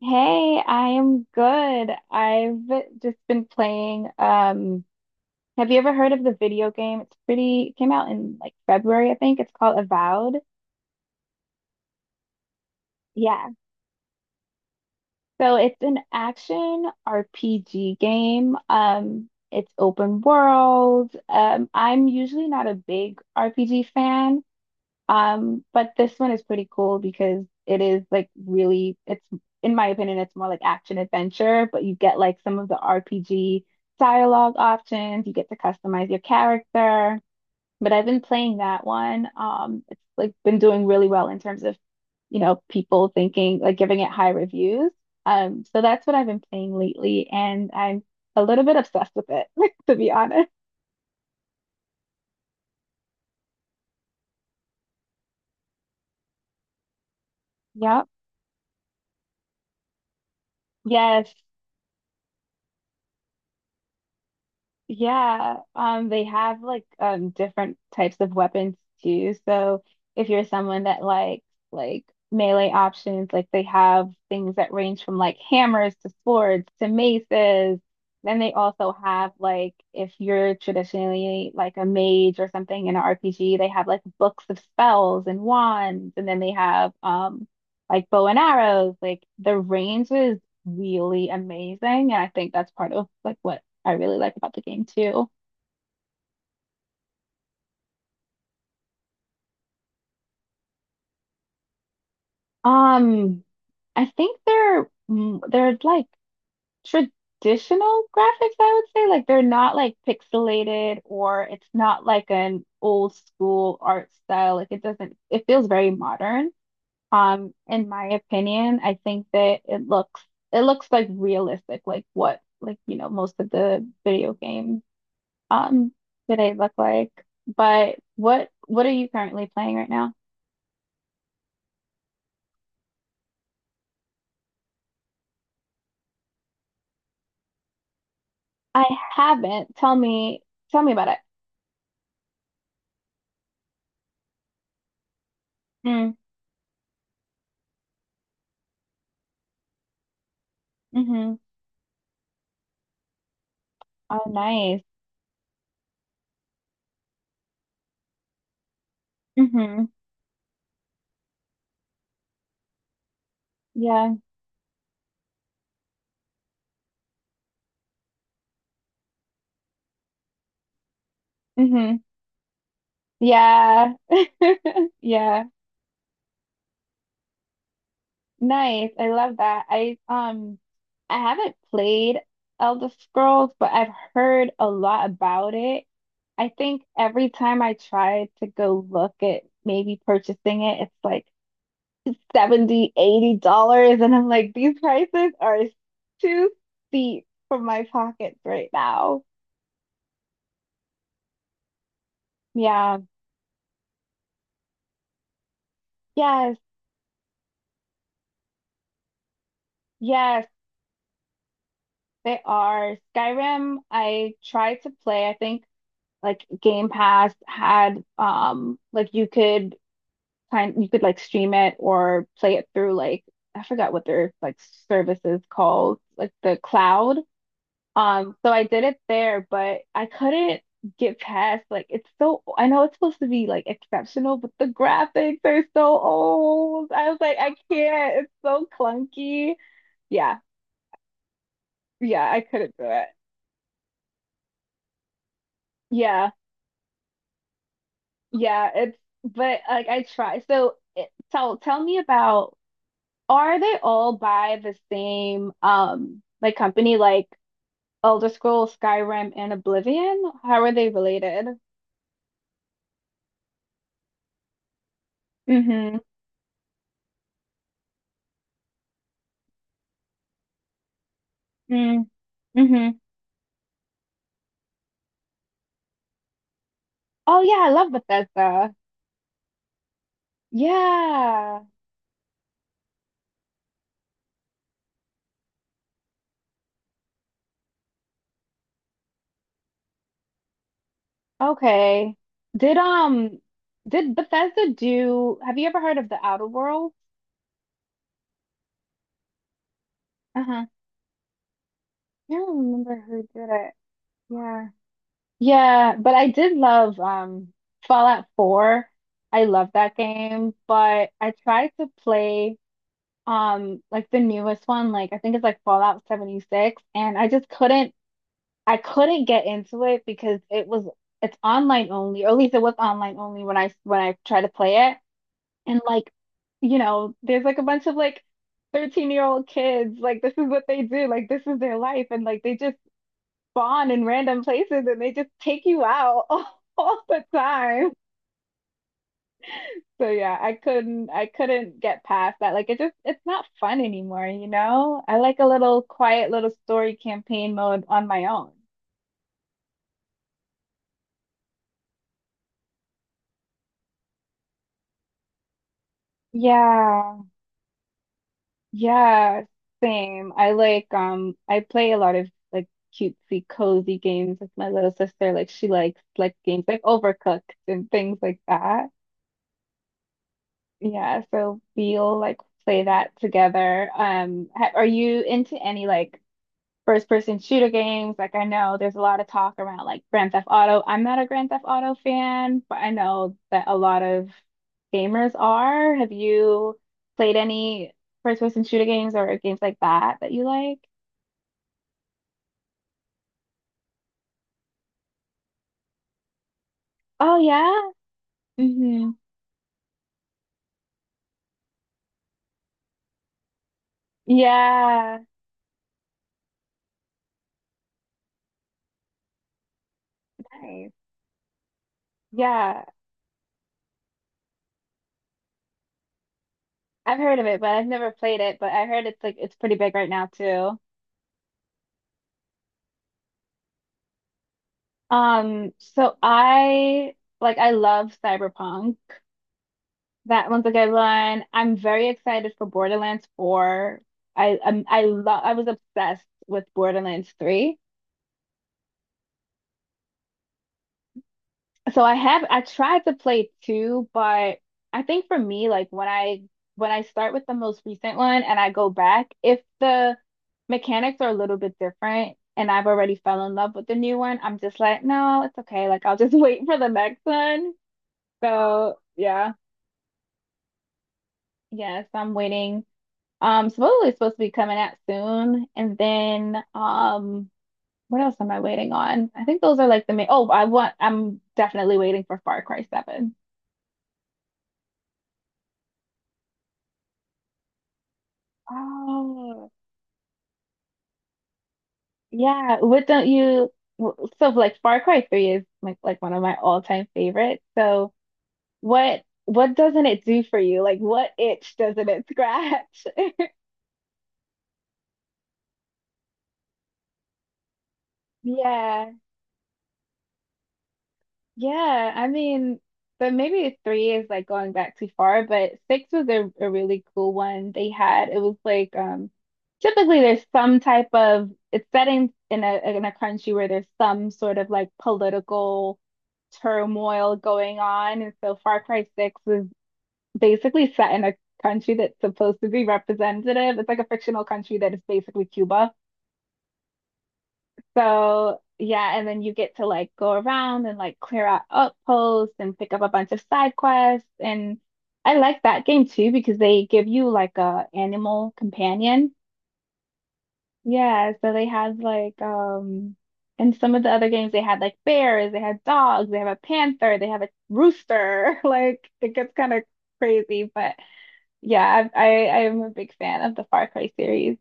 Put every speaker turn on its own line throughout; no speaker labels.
Hey, I am good. I've just been playing. Have you ever heard of the video game? It came out in like February, I think. It's called Avowed. Yeah. So it's an action RPG game. It's open world. I'm usually not a big RPG fan. But this one is pretty cool because it is like really, it's in my opinion, it's more like action adventure, but you get like some of the RPG dialogue options. You get to customize your character. But I've been playing that one. It's like been doing really well in terms of, people thinking like giving it high reviews. So that's what I've been playing lately, and I'm a little bit obsessed with it, to be honest. Yep. Yes. Yeah, they have like different types of weapons too. So if you're someone that likes like melee options, like they have things that range from like hammers to swords to maces. Then they also have like if you're traditionally like a mage or something in an RPG, they have like books of spells and wands, and then they have like bow and arrows. Like the range is really amazing, and I think that's part of like what I really like about the game too. Um, I think they're they're like traditional graphics, I would say. Like they're not like pixelated or it's not like an old school art style. Like it doesn't it feels very modern. In my opinion, I think that it looks like realistic, like what like you know most of the video games um today look like. But what are you currently playing right now? I haven't. Tell me about it. Mm, mm-hmm. Oh, nice. Mm-hmm. Yeah. Mm-hmm. Yeah. Yeah. Nice. I love that. I haven't played Elder Scrolls, but I've heard a lot about it. I think every time I try to go look at maybe purchasing it, it's like 70, $80 and I'm like these prices are too steep for my pockets right now. Yeah, yes, yes, they are. Skyrim, I tried to play. I think like Game Pass had like you could like stream it or play it through like I forgot what their like service is called, like the cloud. So I did it there, but I couldn't get past like it's so I know it's supposed to be like exceptional, but the graphics are so old. I was like, I can't. It's so clunky. Yeah, yeah, I couldn't do it. Yeah, yeah, it's but like I try. Tell me about are they all by the same like company like Elder Scrolls, Skyrim, and Oblivion? How are they related? Mm-hmm. Mm, hmm Oh yeah, I love Bethesda. Yeah. Okay. Did um did Bethesda do have you ever heard of the Outer Worlds? Uh-huh. I don't remember who did it. Yeah. Yeah, but I did love Fallout 4. I love that game, but I tried to play like the newest one, like I think it's like Fallout 76, and I couldn't get into it because it's online only, or at least it was online only when I tried to play it. And like, you know, there's like a bunch of like 13-year-old kids, like this is what they do, like this is their life, and like they just spawn in random places and they just take you out all the time. So yeah, I couldn't get past that. Like it's not fun anymore, you know? I like a little quiet little story campaign mode on my own. Yeah. Yeah, same. I like I play a lot of like cutesy cozy games with my little sister. Like she likes like games like Overcooked and things like that. Yeah, so we'll like play that together. Ha are you into any like first person shooter games? Like I know there's a lot of talk around like Grand Theft Auto. I'm not a Grand Theft Auto fan, but I know that a lot of gamers are. Have you played any first person shooter games or games like that that you like? Oh yeah? hmm Yeah. Nice. Yeah. I've heard of it, but I've never played it, but I heard it's like it's pretty big right now too. So I like I love Cyberpunk. That one's a good one. I'm very excited for Borderlands 4. I was obsessed with Borderlands 3. So I tried to play 2, but I think for me like when I start with the most recent one and I go back, if the mechanics are a little bit different and I've already fell in love with the new one, I'm just like, no, it's okay. Like I'll just wait for the next one. So, yeah, yes, I'm waiting. Supposedly it's supposed to be coming out soon. And then what else am I waiting on? I think those are like the main I'm definitely waiting for Far Cry 7. Oh, yeah, what don't you Far Cry 3 is like one of my all-time favorites. So what doesn't it do for you? Like what itch doesn't it scratch? Yeah. Yeah, I mean, but maybe three is like going back too far, but six was a really cool one they had. It was like typically there's some type of it's set in in a country where there's some sort of like political turmoil going on. And so Far Cry 6 is basically set in a country that's supposed to be representative. It's like a fictional country that is basically Cuba. So yeah, and then you get to like go around and like clear out outposts and pick up a bunch of side quests. And I like that game too because they give you like a animal companion. Yeah, so they had like in some of the other games they had like bears, they had dogs, they have a panther, they have a rooster. Like it gets kind of crazy, but yeah, I'm a big fan of the Far Cry series.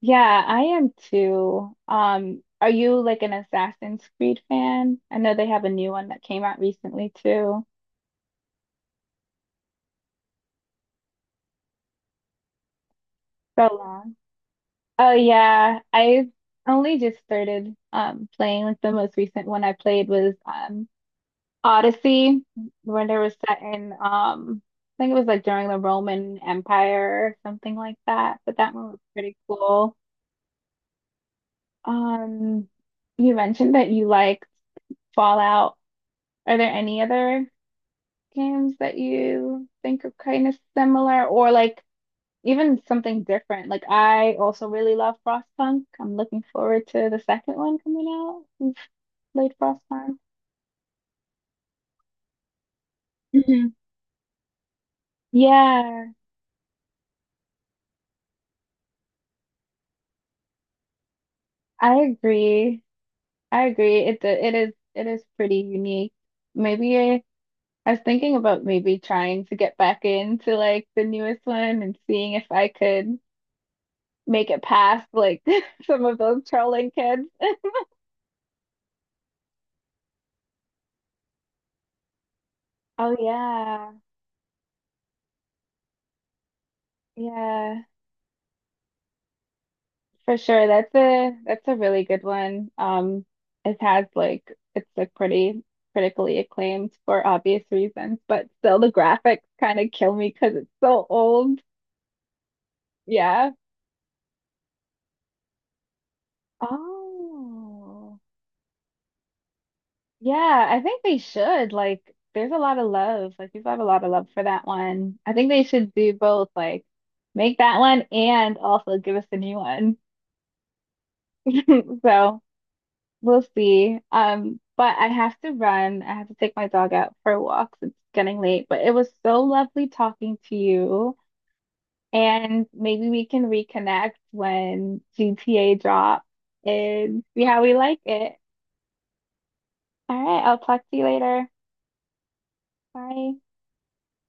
Yeah, I am too. Are you like an Assassin's Creed fan? I know they have a new one that came out recently too. So long. Oh yeah, I only just started playing like the most recent one I played was Odyssey when it was set in I think it was like during the Roman Empire or something like that, but that one was pretty cool. Um, you mentioned that you like Fallout. Are there any other games that you think are kind of similar or like even something different? Like I also really love Frostpunk. I'm looking forward to the second one coming out. You played Frostpunk. hmm Yeah, I agree. I agree. It is pretty unique. Maybe I, I was thinking about maybe trying to get back into like the newest one and seeing if I could make it past like some of those trolling kids. Oh yeah. Yeah. For sure. That's a really good one. It has like it's like pretty critically acclaimed for obvious reasons, but still the graphics kind of kill me because it's so old. Yeah. Oh. Yeah, I think they should. Like, there's a lot of love. Like, people have a lot of love for that one. I think they should do both, like make that one and also give us a new one. So we'll see. But I have to run. I have to take my dog out for walks. It's getting late, but it was so lovely talking to you. And maybe we can reconnect when GTA drops and see how we like it. All right, I'll talk to you later. Bye.